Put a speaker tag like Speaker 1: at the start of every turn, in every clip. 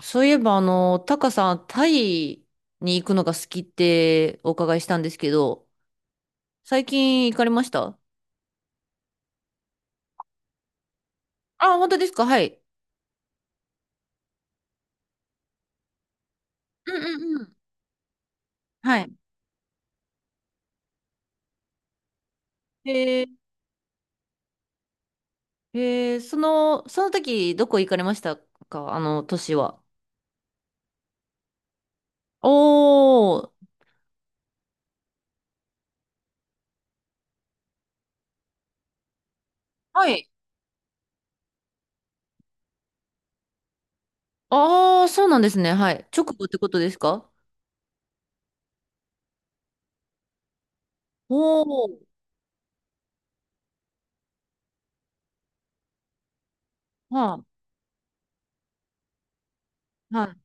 Speaker 1: そういえば、タカさん、タイに行くのが好きってお伺いしたんですけど、最近行かれました？あ、本当ですか？はい。うんうんうん。はい。えー、その時、どこ行かれましたか？年は。おー。はい。ああ、そうなんですね。はい。直後ってことですか？おー。はい。はい。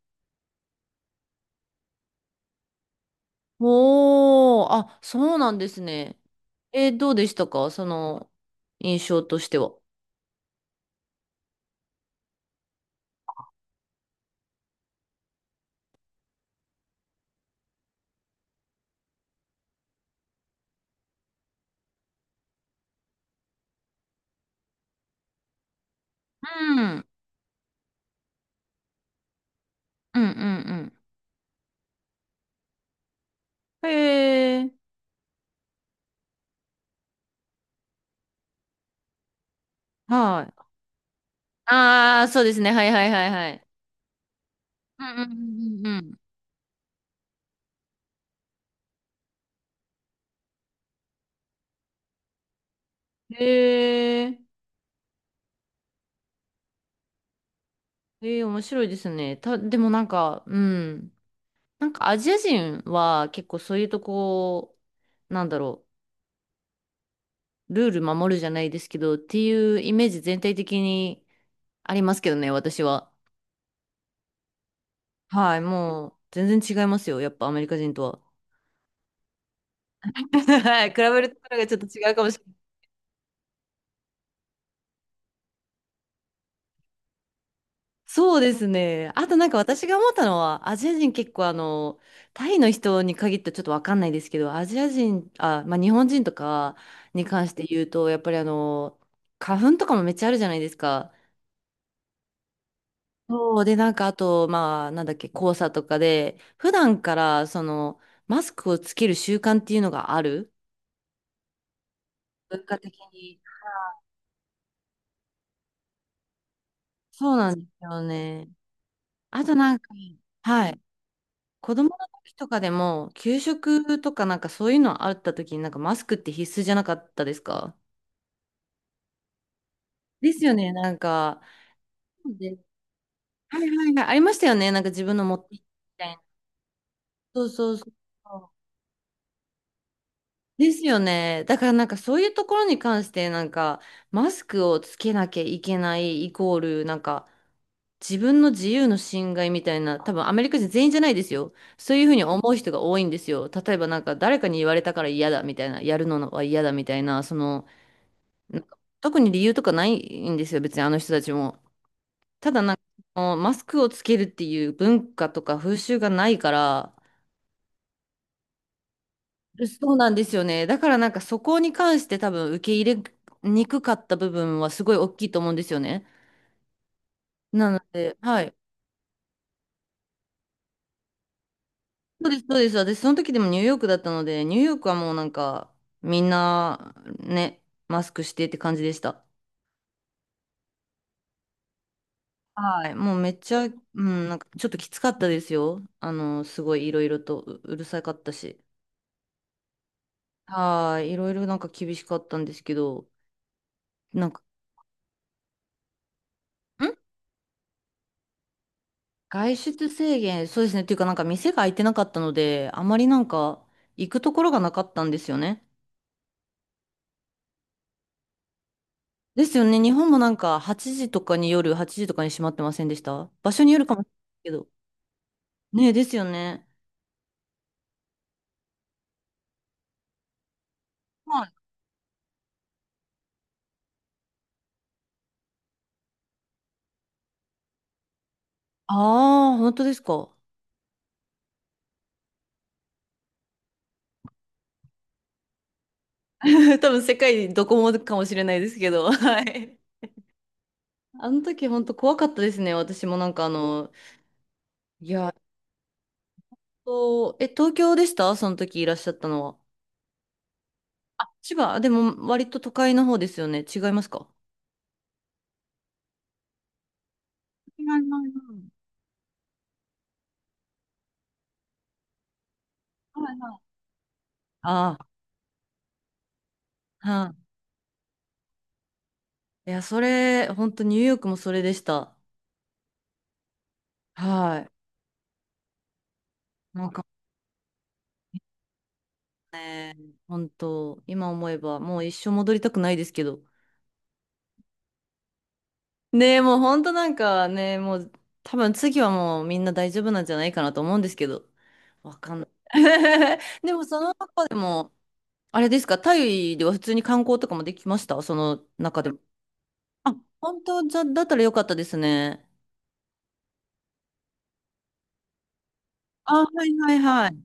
Speaker 1: おー。あ、そうなんですね。どうでしたか？その、印象としては。うん。うんうんうん。へえ、はい。ああ、そうですね。はいはいはいはい。うんうんうんうんうん。へえ、へえ、面白いですね。でもなんか、うん。なんかアジア人は結構そういうとこ、なんだろう、ルール守るじゃないですけど、っていうイメージ全体的にありますけどね、私は。はい、もう全然違いますよ。やっぱアメリカ人とは。はい、比べるところがちょっと違うかもしれない。そうですね。あとなんか私が思ったのは、アジア人結構タイの人に限ってちょっとわかんないですけど、アジア人、あ、まあ日本人とかに関して言うと、やっぱり花粉とかもめっちゃあるじゃないですか。そうで、なんかあと、まあなんだっけ、黄砂とかで、普段からその、マスクをつける習慣っていうのがある。文化的に。そうなんですよね。あとなんか、はい。子供の時とかでも、給食とかなんかそういうのあった時になんかマスクって必須じゃなかったですか？ですよね、なんか。ではいはいはい。ありましたよね、なんか自分の持って行ってみたいな。そうそうそう。ですよね。だからなんかそういうところに関してなんかマスクをつけなきゃいけないイコールなんか自分の自由の侵害みたいな、多分アメリカ人全員じゃないですよ。そういうふうに思う人が多いんですよ。例えばなんか誰かに言われたから嫌だみたいな、やるのは嫌だみたいな、そのなんか特に理由とかないんですよ、別にあの人たちも。ただなんか、そのマスクをつけるっていう文化とか風習がないから、そうなんですよね。だからなんかそこに関して多分受け入れにくかった部分はすごい大きいと思うんですよね。なので、はい。そうです、そうです。私その時でもニューヨークだったので、ニューヨークはもうなんかみんなね、マスクしてって感じでした。はい、もうめっちゃ、うん、なんかちょっときつかったですよ。すごいいろいろとううるさかったし。はい、いろいろなんか厳しかったんですけど、なんかん外出制限、そうですね、っていうかなんか店が開いてなかったので、あまりなんか行くところがなかったんですよね。ですよね、日本もなんか8時とかに夜、8時とかに閉まってませんでした？場所によるかもしれないけど。ねえ、ですよね。はい。ああ、本当ですか。多分世界どこもかもしれないですけど、はい。あの時本当怖かったですね、私もなんかいや、えっとえ東京でした？その時いらっしゃったのは。千葉、でも割と都会の方ですよね。違いますか？違います。はいはい。ああ、はい。いや、それ、本当ニューヨークもそれでした。はい。なんか、本当、今思えば、もう一生戻りたくないですけど。ねえ、もう本当なんかね、もう、多分次はもうみんな大丈夫なんじゃないかなと思うんですけど。わかんない。でも、その中でも、あれですか、タイでは普通に観光とかもできました？その中でも。あ、本当？じゃ、だったらよかったですね。あ、はいはいはい。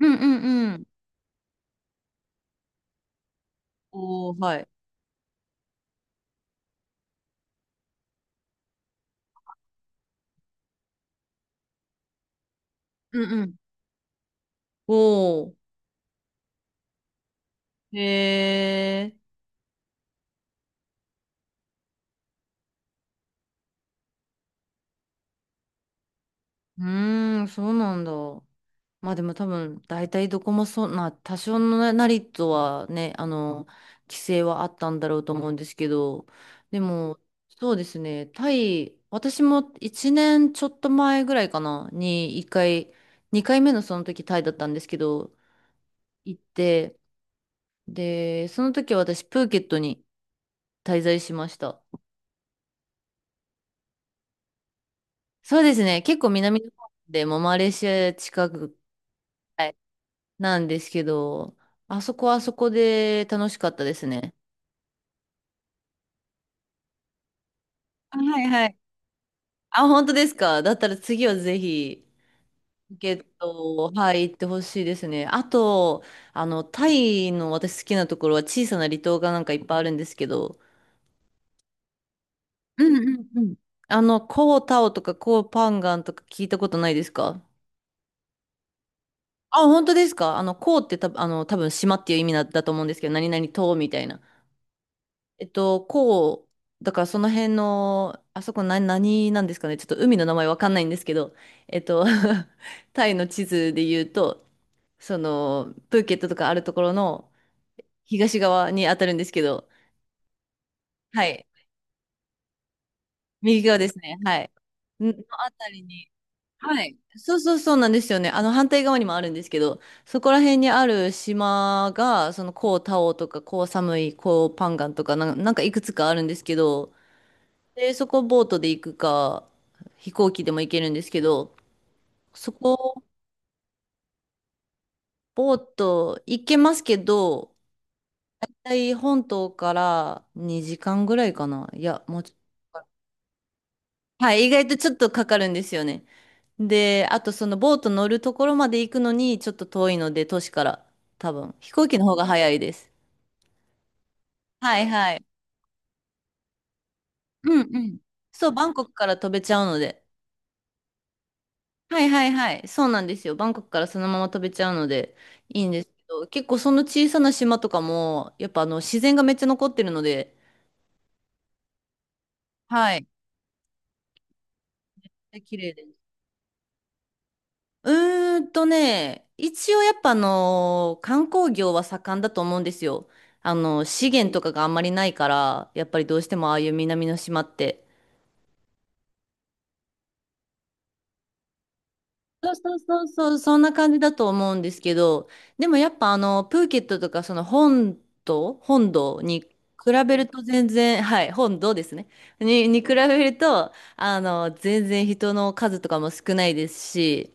Speaker 1: うんうんうん。おー、はい。うんうん。おー。へー。うーん、そうなんだ。まあでも多分、大体どこもそんな、多少のなりとはね、規制はあったんだろうと思うんですけど、でも、そうですね、タイ、私も1年ちょっと前ぐらいかな、に1回、2回目のその時タイだったんですけど、行って、で、その時は私、プーケットに滞在しました。そうですね。結構南の方でもマレーシア近く、はい、なんですけど、あそこはあそこで楽しかったですね。あ、はいはい。あ、本当ですか？だったら次はぜひ、ゲット、はい、行ってほしいですね。あと、タイの私好きなところは小さな離島がなんかいっぱいあるんですけど、うんうんうん。コータオとかコーパンガンとか聞いたことないですか？あ、本当ですか？コーってた、多分島っていう意味だと思うんですけど、何々島みたいな。こう、だからその辺の、あそこ何、何なんですかね。ちょっと海の名前わかんないんですけど、えっと、タイの地図で言うと、その、プーケットとかあるところの東側に当たるんですけど、はい。右側ですね。はい。のあたりに、はい。そうそうそうなんですよね。反対側にもあるんですけど、そこら辺にある島が、その、コータオとか、コーサムイ、コーパンガンとか、なんかいくつかあるんですけど、で、そこボートで行くか、飛行機でも行けるんですけど、そこボート行けますけど、大体本島から2時間ぐらいかな。いや、もうちょっと。はい、意外とちょっとかかるんですよね。で、あとそのボート乗るところまで行くのにちょっと遠いので、都市から多分飛行機の方が早いです。はいはい。うんうん。そう、バンコクから飛べちゃうので。はいはいはい。そうなんですよ。バンコクからそのまま飛べちゃうのでいいんですけど、結構その小さな島とかも、やっぱ自然がめっちゃ残ってるので、はい。綺麗です。うーんとね、一応やっぱ観光業は盛んだと思うんですよ。資源とかがあんまりないから、やっぱりどうしてもああいう南の島って。そうそうそうそう、そんな感じだと思うんですけど、でもやっぱプーケットとかその本島、本土に比べると全然、はい、本土ですね。に比べると、全然人の数とかも少ないですし、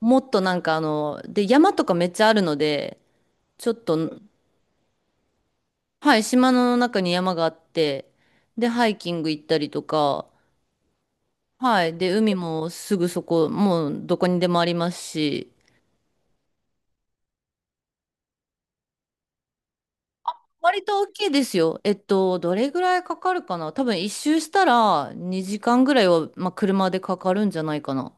Speaker 1: もっとなんかで、山とかめっちゃあるので、ちょっと、はい、島の中に山があって、で、ハイキング行ったりとか、はい、で、海もすぐそこ、もうどこにでもありますし、割と大きいですよ。どれぐらいかかるかな？多分一周したら2時間ぐらいは、まあ、車でかかるんじゃないかな。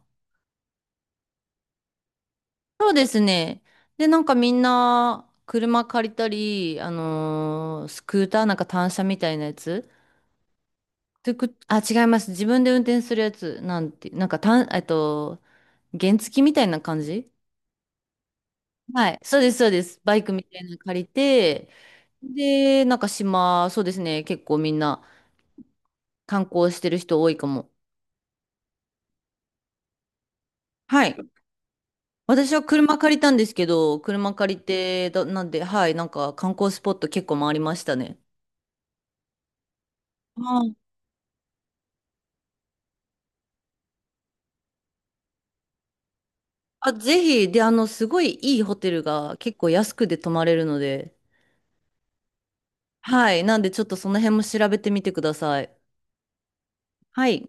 Speaker 1: そうですね。で、なんかみんな車借りたり、スクーターなんか単車みたいなやつ。トゥクあ、違います。自分で運転するやつ。なんて、なんか単、原付みたいな感じ、はい。そうです、そうです。バイクみたいなの借りて、で、なんか島、そうですね。結構みんな観光してる人多いかも。はい。私は車借りたんですけど、車借りて、だ、なんで、はい、なんか観光スポット結構回りましたね。ああ、ぜひ、で、すごいいいホテルが結構安くで泊まれるので、はい、なんでちょっとその辺も調べてみてください。はい。